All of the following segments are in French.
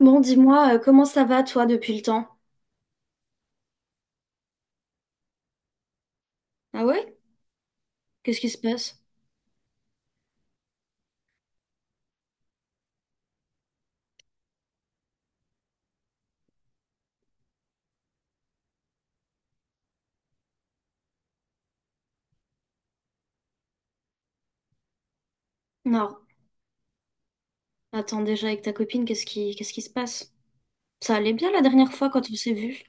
Bon, dis-moi, comment ça va toi depuis le temps? Ah ouais? Qu'est-ce qui se passe? Non, attends déjà avec ta copine, qu'est-ce qui se passe? Ça allait bien la dernière fois quand on s'est vus?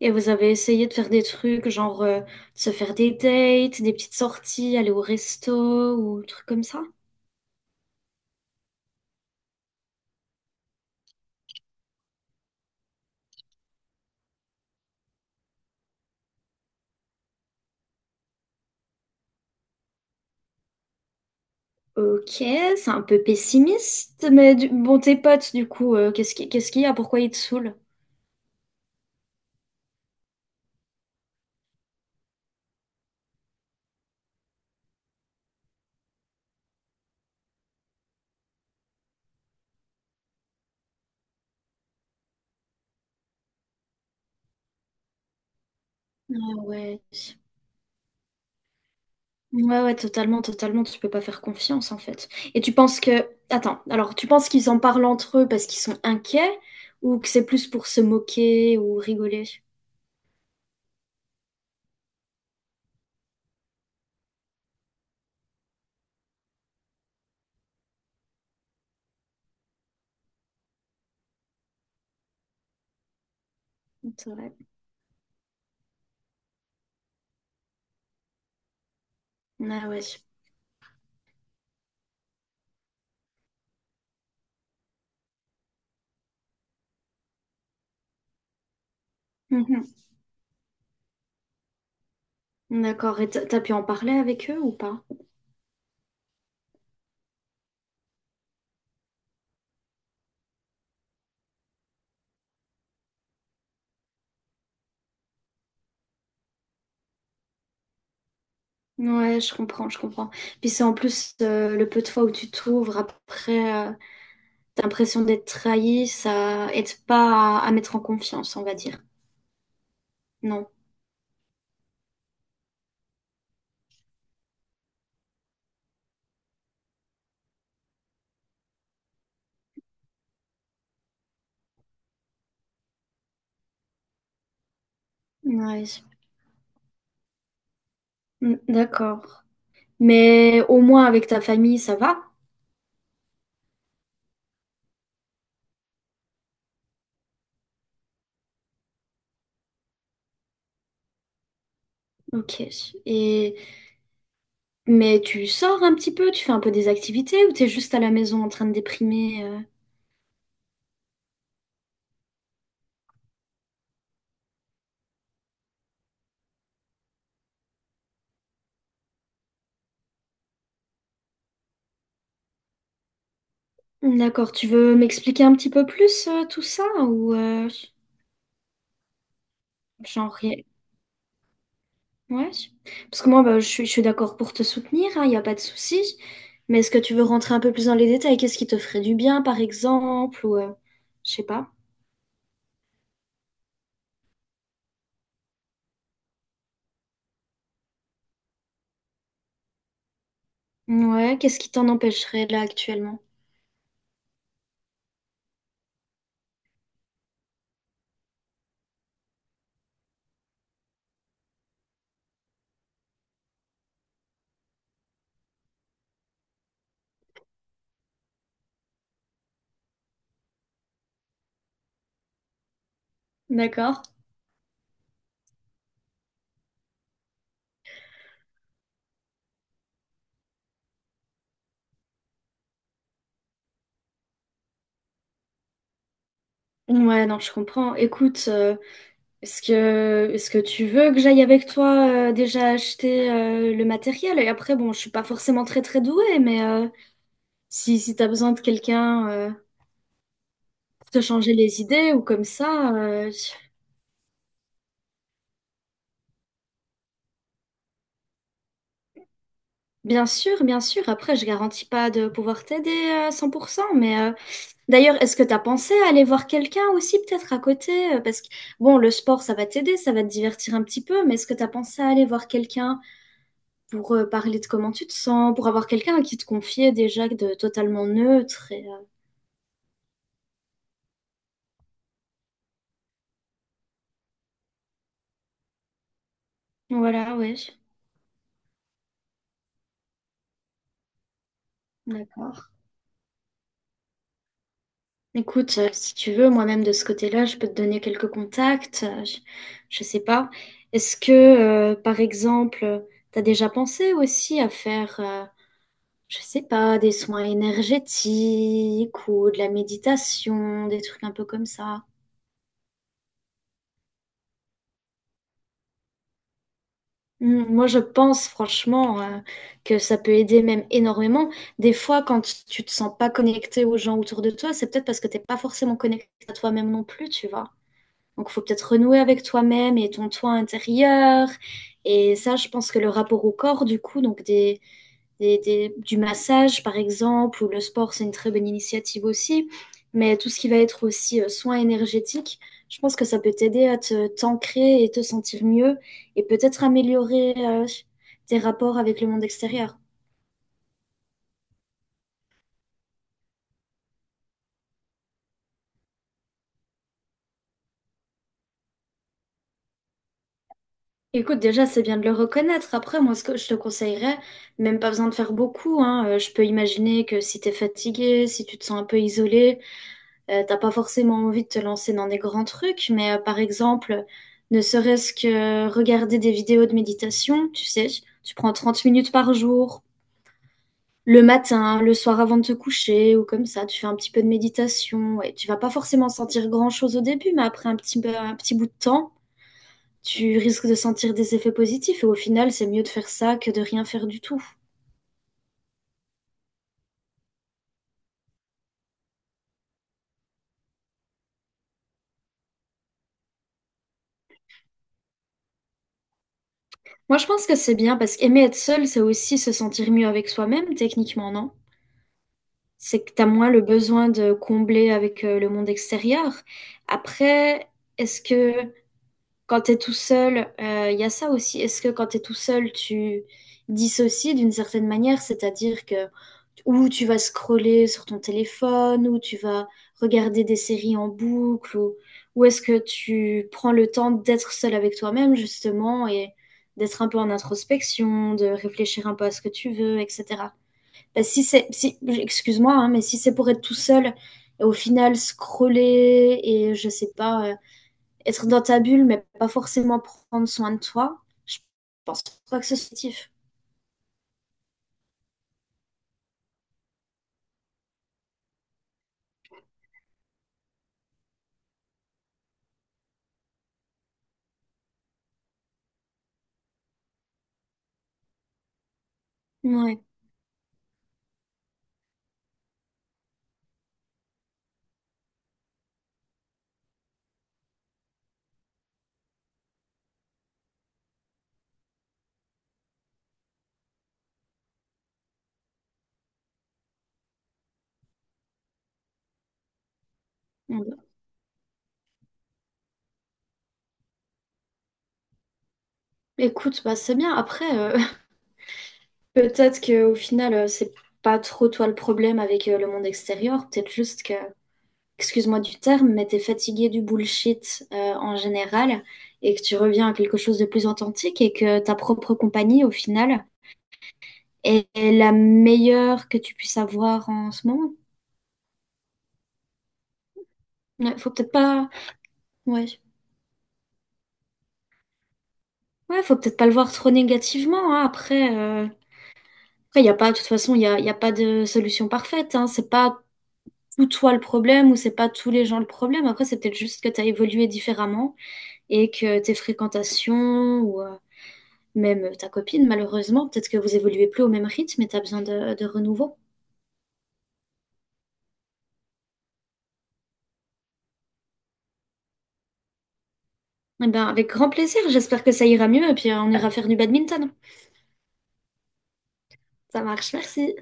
Et vous avez essayé de faire des trucs, genre de se faire des dates, des petites sorties, aller au resto ou des trucs comme ça? Ok, c'est un peu pessimiste, mais bon, tes potes, du coup, qu'est-ce qu'il y a? Pourquoi ils te saoulent? Ah ouais. Ouais, ouais, totalement, totalement, tu peux pas faire confiance en fait. Et tu penses que... Attends, alors tu penses qu'ils en parlent entre eux parce qu'ils sont inquiets ou que c'est plus pour se moquer ou rigoler? C'est vrai. Ah ouais. Mhm. D'accord, et t'as pu en parler avec eux ou pas? Ouais, je comprends, je comprends. Puis c'est en plus le peu de fois où tu t'ouvres après, t'as l'impression d'être trahi, ça aide pas à mettre en confiance, on va dire. Non. Ouais. Mm, d'accord. Mais au moins avec ta famille, ça va? Ok. Et mais tu sors un petit peu, tu fais un peu des activités ou t'es juste à la maison en train de déprimer? D'accord, tu veux m'expliquer un petit peu plus tout ça ou genre rien- ouais. Parce que moi bah, je suis d'accord pour te soutenir, il n'y a pas de souci. Mais est-ce que tu veux rentrer un peu plus dans les détails? Qu'est-ce qui te ferait du bien par exemple ou je sais pas. Ouais, qu'est-ce qui t'en empêcherait là actuellement? D'accord. Ouais, non, je comprends. Écoute. Est-ce que tu veux que j'aille avec toi déjà acheter le matériel? Et après, bon, je suis pas forcément très très douée, mais si t'as besoin de quelqu'un pour te changer les idées ou comme ça, bien sûr, bien sûr. Après, je garantis pas de pouvoir t'aider à 100%, mais d'ailleurs, est-ce que t'as pensé à aller voir quelqu'un aussi peut-être à côté? Parce que, bon, le sport, ça va t'aider, ça va te divertir un petit peu, mais est-ce que t'as pensé à aller voir quelqu'un pour parler de comment tu te sens, pour avoir quelqu'un à qui te confier déjà de totalement neutre. Et, voilà, ouais, d'accord. Écoute, si tu veux, moi-même de ce côté-là, je peux te donner quelques contacts. Je sais pas. Est-ce que, par exemple, t'as déjà pensé aussi à faire, je sais pas, des soins énergétiques ou de la méditation, des trucs un peu comme ça? Hmm, moi, je pense franchement que ça peut aider même énormément. Des fois, quand tu te sens pas connecté aux gens autour de toi, c'est peut-être parce que t'es pas forcément connecté à toi-même non plus, tu vois. Donc, il faut peut-être renouer avec toi-même et ton toi intérieur. Et ça, je pense que le rapport au corps, du coup, du massage, par exemple, ou le sport, c'est une très bonne initiative aussi. Mais tout ce qui va être aussi soin énergétique, je pense que ça peut t'aider à te t'ancrer et te sentir mieux et peut-être améliorer tes rapports avec le monde extérieur. Écoute, déjà, c'est bien de le reconnaître. Après, moi, ce que je te conseillerais, même pas besoin de faire beaucoup, hein. Je peux imaginer que si t'es fatigué, si tu te sens un peu isolé, t'as pas forcément envie de te lancer dans des grands trucs, mais par exemple, ne serait-ce que regarder des vidéos de méditation, tu sais, tu prends 30 minutes par jour, le matin, le soir avant de te coucher, ou comme ça, tu fais un petit peu de méditation, et tu vas pas forcément sentir grand-chose au début, mais après un un petit bout de temps, tu risques de sentir des effets positifs et au final, c'est mieux de faire ça que de rien faire du tout. Moi, je pense que c'est bien parce qu'aimer être seul, c'est aussi se sentir mieux avec soi-même, techniquement, non? C'est que t'as moins le besoin de combler avec le monde extérieur. Après, est-ce que quand t'es tout seul, il y a ça aussi. Est-ce que quand t'es tout seul, tu dissocies d'une certaine manière, c'est-à-dire que ou tu vas scroller sur ton téléphone, ou tu vas regarder des séries en boucle, ou est-ce que tu prends le temps d'être seul avec toi-même, justement, et d'être un peu en introspection, de réfléchir un peu à ce que tu veux, etc. Bah, si c'est, si, excuse-moi, hein, mais si c'est pour être tout seul, et au final scroller et je sais pas être dans ta bulle, mais pas forcément prendre soin de toi, je pense pas que c'est positif. Ouais. Écoute, bah c'est bien. Après, peut-être qu'au final, c'est pas trop toi le problème avec le monde extérieur. Peut-être juste que, excuse-moi du terme, mais t'es fatigué du bullshit en général et que tu reviens à quelque chose de plus authentique et que ta propre compagnie, au final, est la meilleure que tu puisses avoir en ce moment. Ouais, faut peut-être pas. Ouais. Ouais, faut peut-être pas le voir trop négativement, hein. Après, après, y a pas, de toute façon, y a pas de solution parfaite, hein. C'est pas tout toi le problème ou c'est pas tous les gens le problème. Après, c'est peut-être juste que t'as évolué différemment et que tes fréquentations ou même ta copine, malheureusement, peut-être que vous évoluez plus au même rythme et t'as besoin de renouveau. Eh ben, avec grand plaisir. J'espère que ça ira mieux et puis on ira faire du badminton. Ça marche, merci.